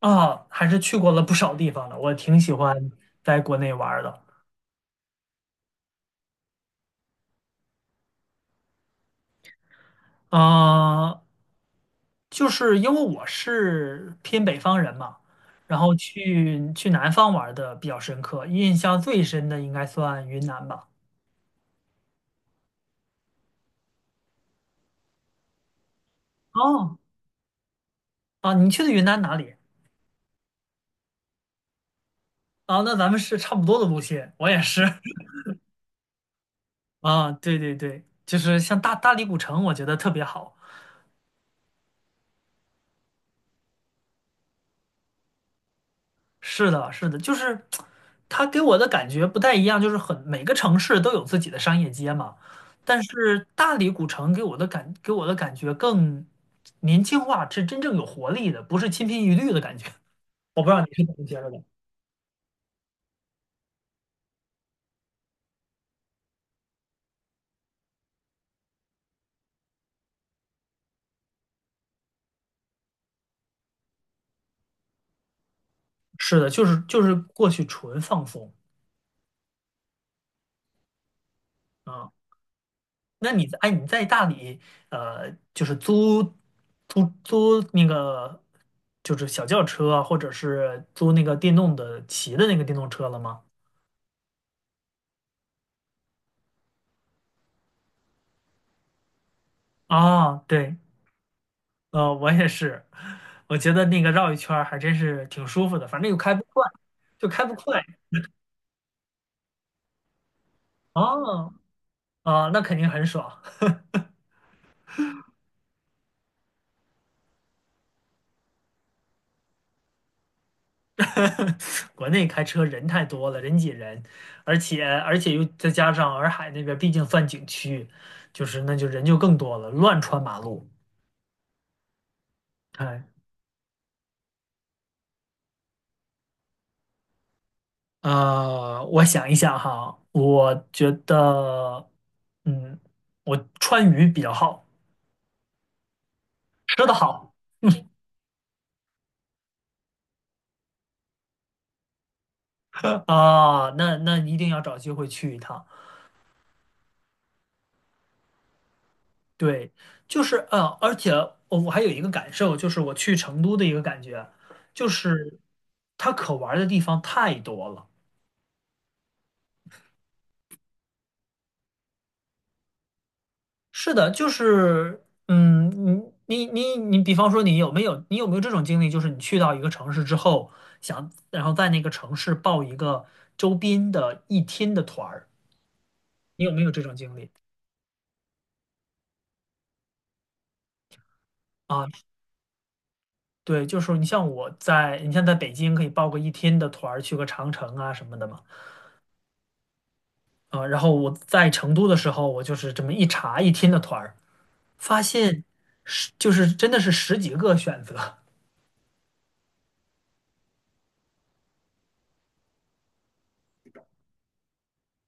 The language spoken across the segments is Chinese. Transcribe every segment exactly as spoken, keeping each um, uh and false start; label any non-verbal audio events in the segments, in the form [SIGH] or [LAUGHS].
啊，还是去过了不少地方的，我挺喜欢在国内玩儿的。啊，就是因为我是偏北方人嘛，然后去去南方玩儿的比较深刻，印象最深的应该算云南吧。哦，啊，你去的云南哪里？啊，那咱们是差不多的路线，我也是。[LAUGHS] 啊，对对对，就是像大大理古城，我觉得特别好。是的，是的，就是它给我的感觉不太一样，就是很每个城市都有自己的商业街嘛，但是大理古城给我的感给我的感觉更年轻化，是真正有活力的，不是千篇一律的感觉。我不知道你是怎么觉得的。是的，就是就是过去纯放松啊。那你在哎你在大理呃，就是租租租那个就是小轿车啊，或者是租那个电动的骑的那个电动车了吗？啊，对，呃，我也是，我觉得那个绕一圈儿还真是挺舒服的，反正又开不快，就开不快。哦，啊、那肯定很爽。[LAUGHS] 国内开车人太多了，人挤人，而且而且又再加上洱海那边毕竟算景区，就是那就人就更多了，乱穿马路。哎，呃，我想一想哈，我觉得，嗯，我川渝比较好，吃的好。[LAUGHS] 啊，那那一定要找机会去一趟。对，就是嗯，呃而且我我还有一个感受，就是我去成都的一个感觉，就是它可玩儿的地方太多了。是的，就是嗯，你你你你，比方说你有没有你有没有这种经历，就是你去到一个城市之后，想然后在那个城市报一个周边的一天的团儿，你有没有这种经历？啊，对，就是你像我在，你像在北京可以报个一天的团儿，去个长城啊什么的嘛。啊，然后我在成都的时候，我就是这么一查一听的团儿，发现是就是真的是十几个选择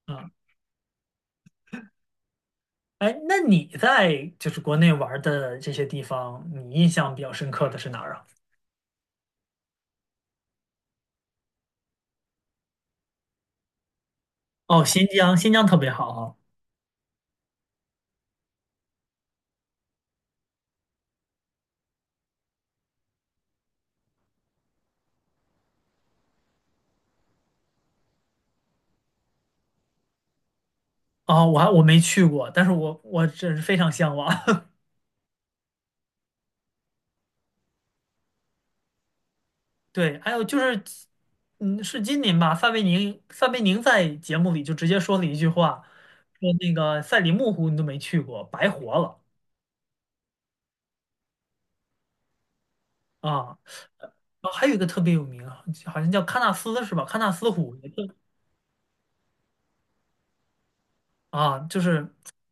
啊。哎，那你在就是国内玩儿的这些地方，你印象比较深刻的是哪儿啊？哦，新疆，新疆特别好啊。哦，我还我没去过，但是我我真是非常向往。[LAUGHS] 对，还有就是，嗯，是今年吧？范伟宁，范伟宁在节目里就直接说了一句话，说那个赛里木湖你都没去过，白活了。啊，呃啊，还有一个特别有名啊好像叫喀纳斯是吧？喀纳斯湖也特啊，就是，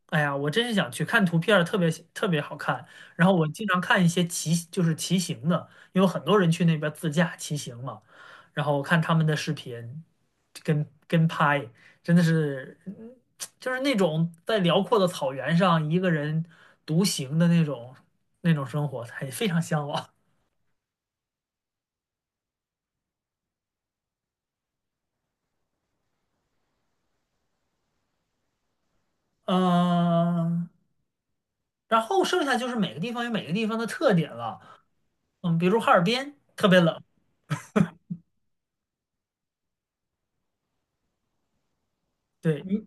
哎呀，我真是想去看图片儿特别特别好看。然后我经常看一些骑，就是骑行的，因为很多人去那边自驾骑行嘛。然后我看他们的视频，跟跟拍，真的是，嗯就是那种在辽阔的草原上一个人独行的那种那种生活，还非常向往。嗯、然后剩下就是每个地方有每个地方的特点了，嗯，比如哈尔滨特别冷，对，嗯，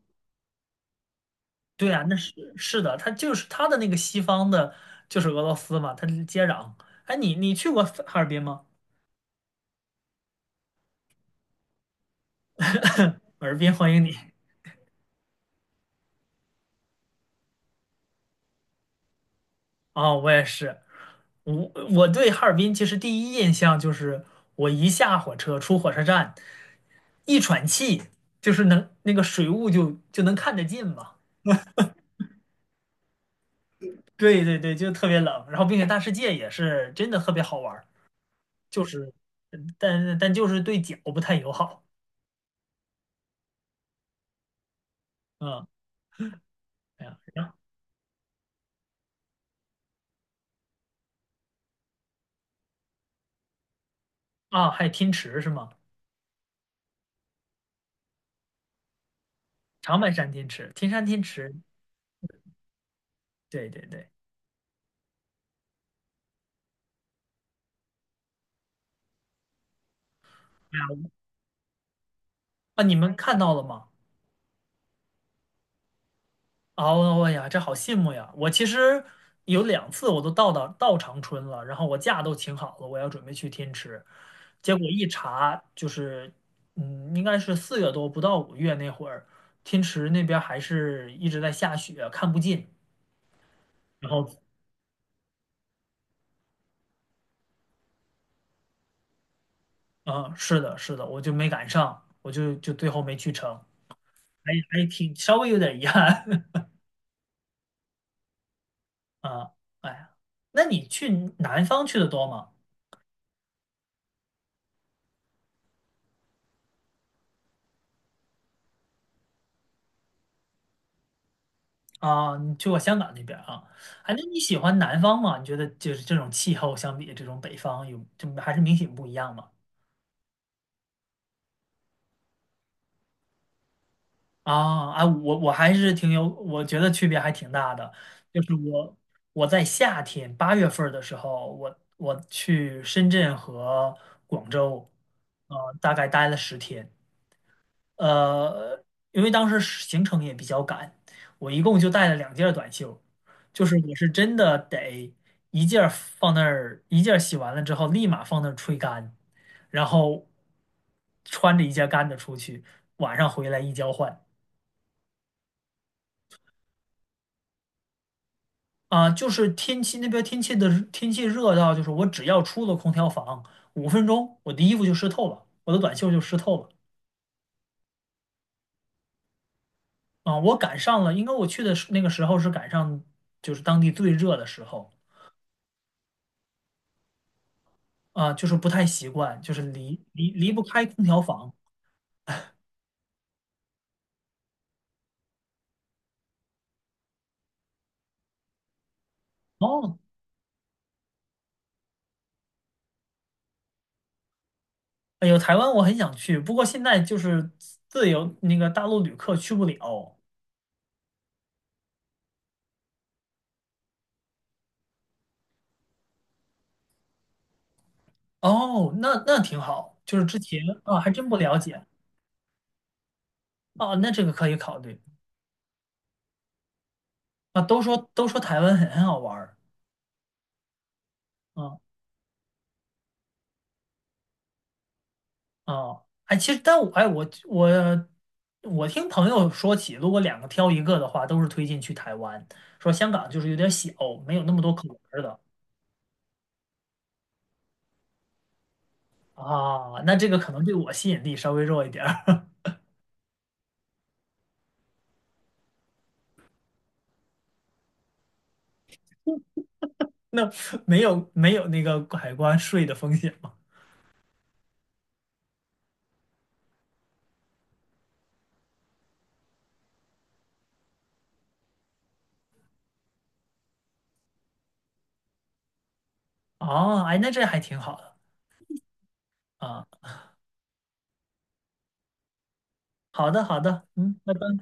对啊，那是是的，它就是它的那个西方的，就是俄罗斯嘛，它是接壤。哎，你你去过哈尔滨吗？[LAUGHS] 哈尔滨欢迎你啊，我也是，我我对哈尔滨其实第一印象就是我一下火车出火车站，一喘气就是能那个水雾就就能看得见嘛，对对对，就特别冷，然后并且大世界也是真的特别好玩儿。就是，嗯但但就是对脚不太友好。嗯，哎呀，然后啊，还有天池是吗？长白山天池，天山天池，对对对。啊，你们看到了吗？哦，哎呀，这好羡慕呀！我其实有两次我都到到到长春了，然后我假都请好了，我要准备去天池，结果一查就是，嗯，应该是四月多不到五月那会儿，天池那边还是一直在下雪，看不进。然后嗯，是的，是的，我就没赶上，我就就最后没去成，还还挺稍微有点遗憾。 [LAUGHS] 啊。哎呀，那你去南方去的多吗？啊，你去过香港那边啊？哎，那你喜欢南方吗？你觉得就是这种气候相比这种北方有，就还是明显不一样吗？啊，啊，我我还是挺有，我觉得区别还挺大的。就是我我在夏天八月份儿的时候，我我去深圳和广州，呃，大概待了十天。呃，因为当时行程也比较赶，我一共就带了两件儿短袖，就是我是真的得一件儿放那儿，一件儿洗完了之后立马放那儿吹干，然后穿着一件干的出去，晚上回来一交换。啊，就是天气那边天气的天气热到，就是我只要出了空调房五分钟，我的衣服就湿透了，我的短袖就湿透了。啊，我赶上了，应该我去的是那个时候是赶上就是当地最热的时候。啊，就是不太习惯，就是离离离不开空调房。哦，哎呦，台湾我很想去，不过现在就是自由那个大陆旅客去不了。哦，那那挺好，就是之前啊还真不了解啊，那这个可以考虑啊。都说都说台湾很很好玩儿，啊哦，哎，其实但我哎我我我听朋友说起，如果两个挑一个的话，都是推荐去台湾，说香港就是有点小，没有那么多可玩儿的。啊，那这个可能对我吸引力稍微弱一点儿，[LAUGHS] 那没有没有那个海关税的风险吗？哦，哎，那这还挺好的啊。好的，好的，嗯，拜拜。